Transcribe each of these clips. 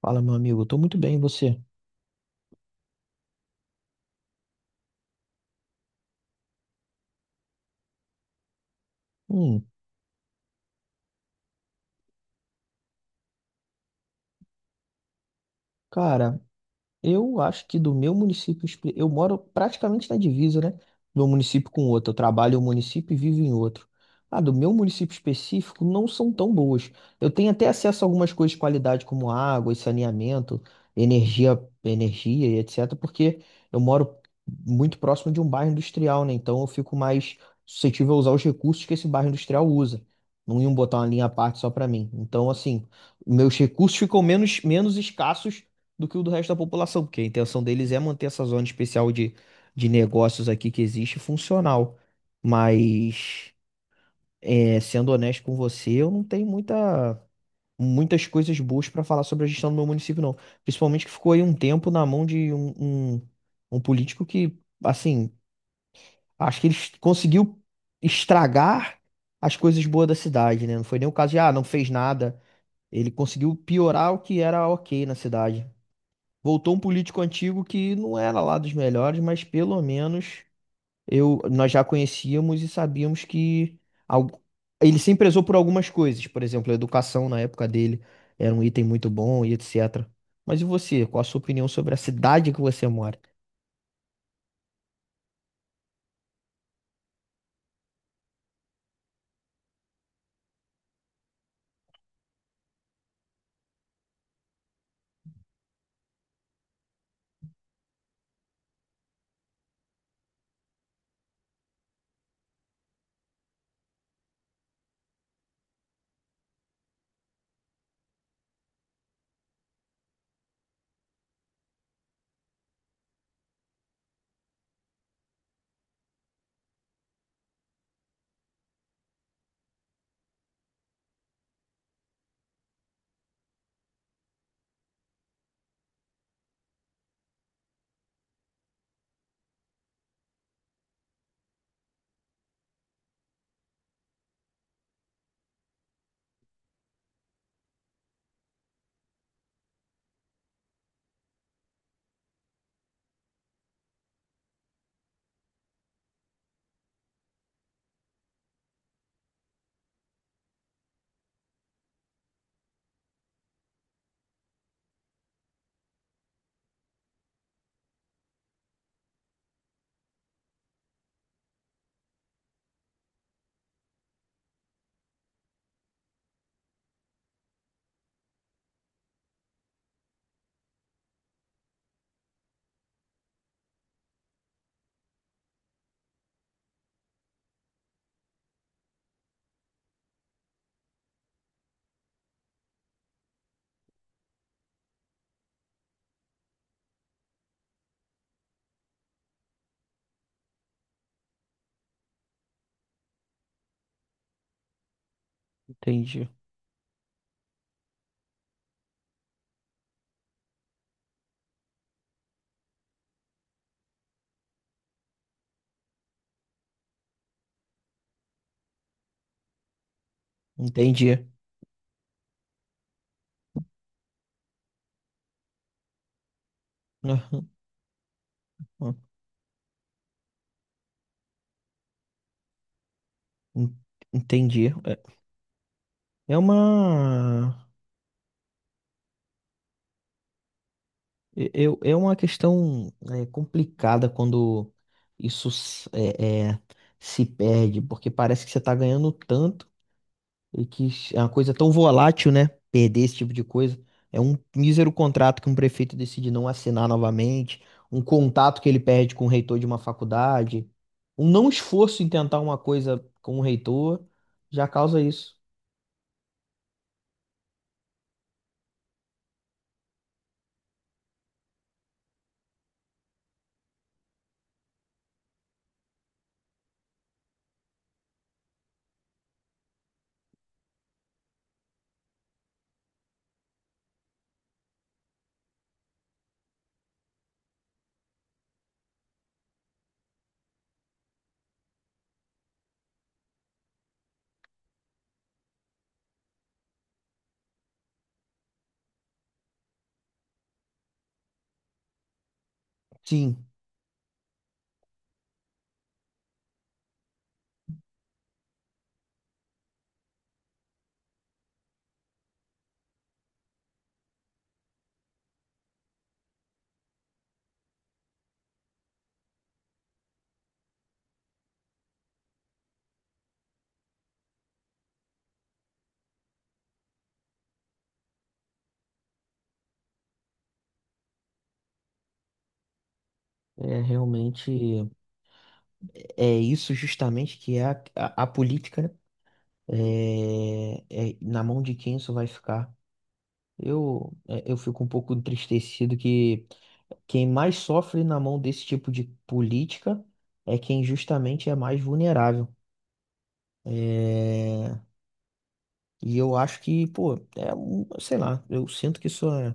Fala, meu amigo, eu tô muito bem, e você? Hum. Cara, eu acho que do meu município, eu moro praticamente na divisa, né? De um município com outro. Eu trabalho em um município e vivo em outro. Ah, do meu município específico não são tão boas. Eu tenho até acesso a algumas coisas de qualidade, como água e saneamento, energia e etc., porque eu moro muito próximo de um bairro industrial, né? Então eu fico mais suscetível a usar os recursos que esse bairro industrial usa. Não iam botar uma linha à parte só para mim. Então, assim, meus recursos ficam menos escassos do que o do resto da população, porque a intenção deles é manter essa zona especial de negócios aqui que existe funcional. Mas, é, sendo honesto com você, eu não tenho muitas coisas boas para falar sobre a gestão do meu município, não. Principalmente que ficou aí um tempo na mão de um, um político que, assim, acho que ele conseguiu estragar as coisas boas da cidade, né? Não foi nem o caso de, ah, não fez nada. Ele conseguiu piorar o que era ok na cidade. Voltou um político antigo que não era lá dos melhores, mas pelo menos eu, nós já conhecíamos e sabíamos que algu- ele se prezou por algumas coisas. Por exemplo, a educação na época dele era um item muito bom e etc. Mas e você? Qual a sua opinião sobre a cidade que você mora? Entendi. Entendi. Aham. En- Entendi. É uma. Eu, é uma questão complicada quando isso se perde, porque parece que você está ganhando tanto e que é uma coisa tão volátil, né? Perder esse tipo de coisa. É um mísero contrato que um prefeito decide não assinar novamente, um contato que ele perde com o reitor de uma faculdade, um não esforço em tentar uma coisa com o reitor já causa isso. Sim, é realmente é isso justamente que é a política, né? É, na mão de quem isso vai ficar? Eu fico um pouco entristecido que quem mais sofre na mão desse tipo de política é quem justamente é mais vulnerável. É, e eu acho que, pô, é, sei lá, eu sinto que isso é,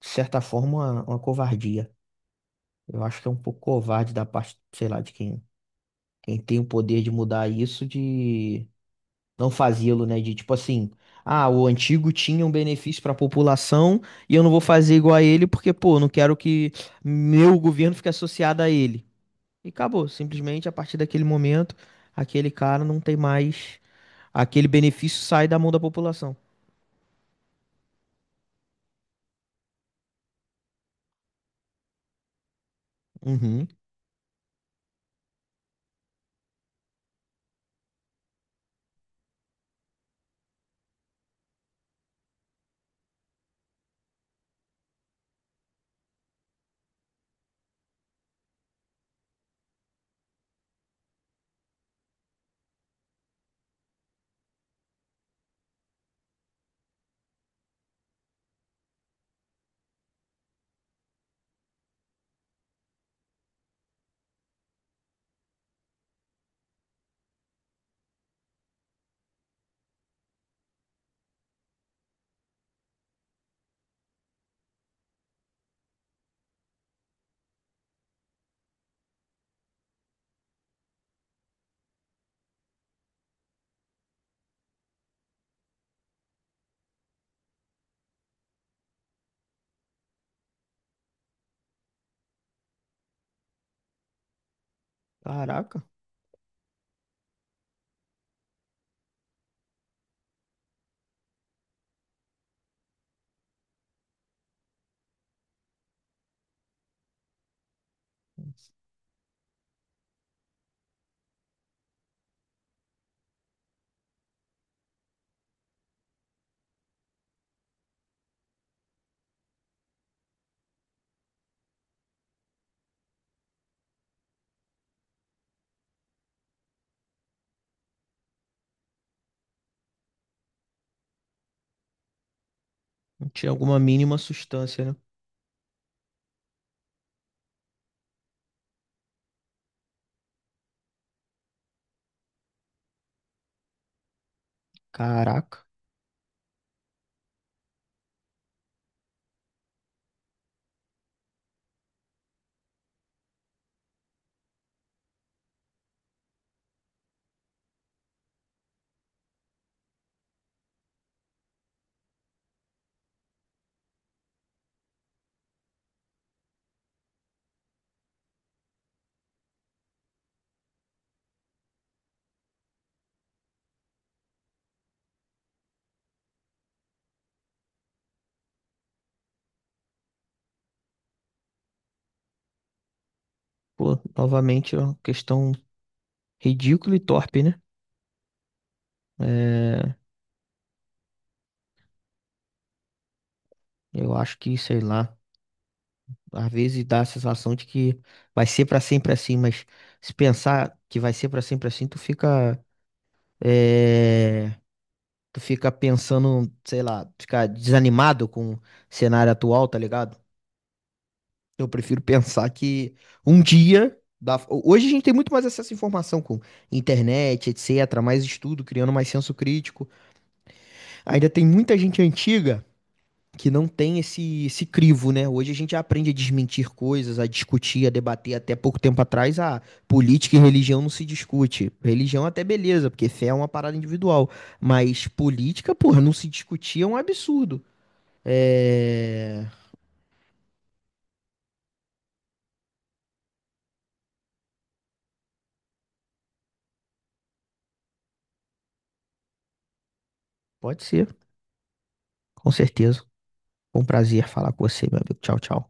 de certa forma, uma covardia. Eu acho que é um pouco covarde da parte, sei lá, de quem tem o poder de mudar isso não fazê-lo, né? De tipo assim, ah, o antigo tinha um benefício para a população e eu não vou fazer igual a ele porque, pô, não quero que meu governo fique associado a ele. E acabou, simplesmente a partir daquele momento, aquele cara não tem mais, aquele benefício sai da mão da população. Uhum. Caraca, não tinha alguma mínima sustância, né? Caraca. Pô, novamente é uma questão ridícula e torpe, né? É, eu acho que, sei lá. Às vezes dá a sensação de que vai ser pra sempre assim, mas se pensar que vai ser pra sempre assim, é, tu fica pensando, sei lá, fica desanimado com o cenário atual, tá ligado? Eu prefiro pensar que um dia. Hoje a gente tem muito mais acesso à informação com internet, etc., mais estudo, criando mais senso crítico. Ainda tem muita gente antiga que não tem esse crivo, né? Hoje a gente aprende a desmentir coisas, a discutir, a debater. Até pouco tempo atrás, a política e religião não se discute. Religião até beleza, porque fé é uma parada individual. Mas política, porra, não se discutir é um absurdo. É... Pode ser, com certeza. Foi um prazer falar com você, meu amigo. Tchau, tchau.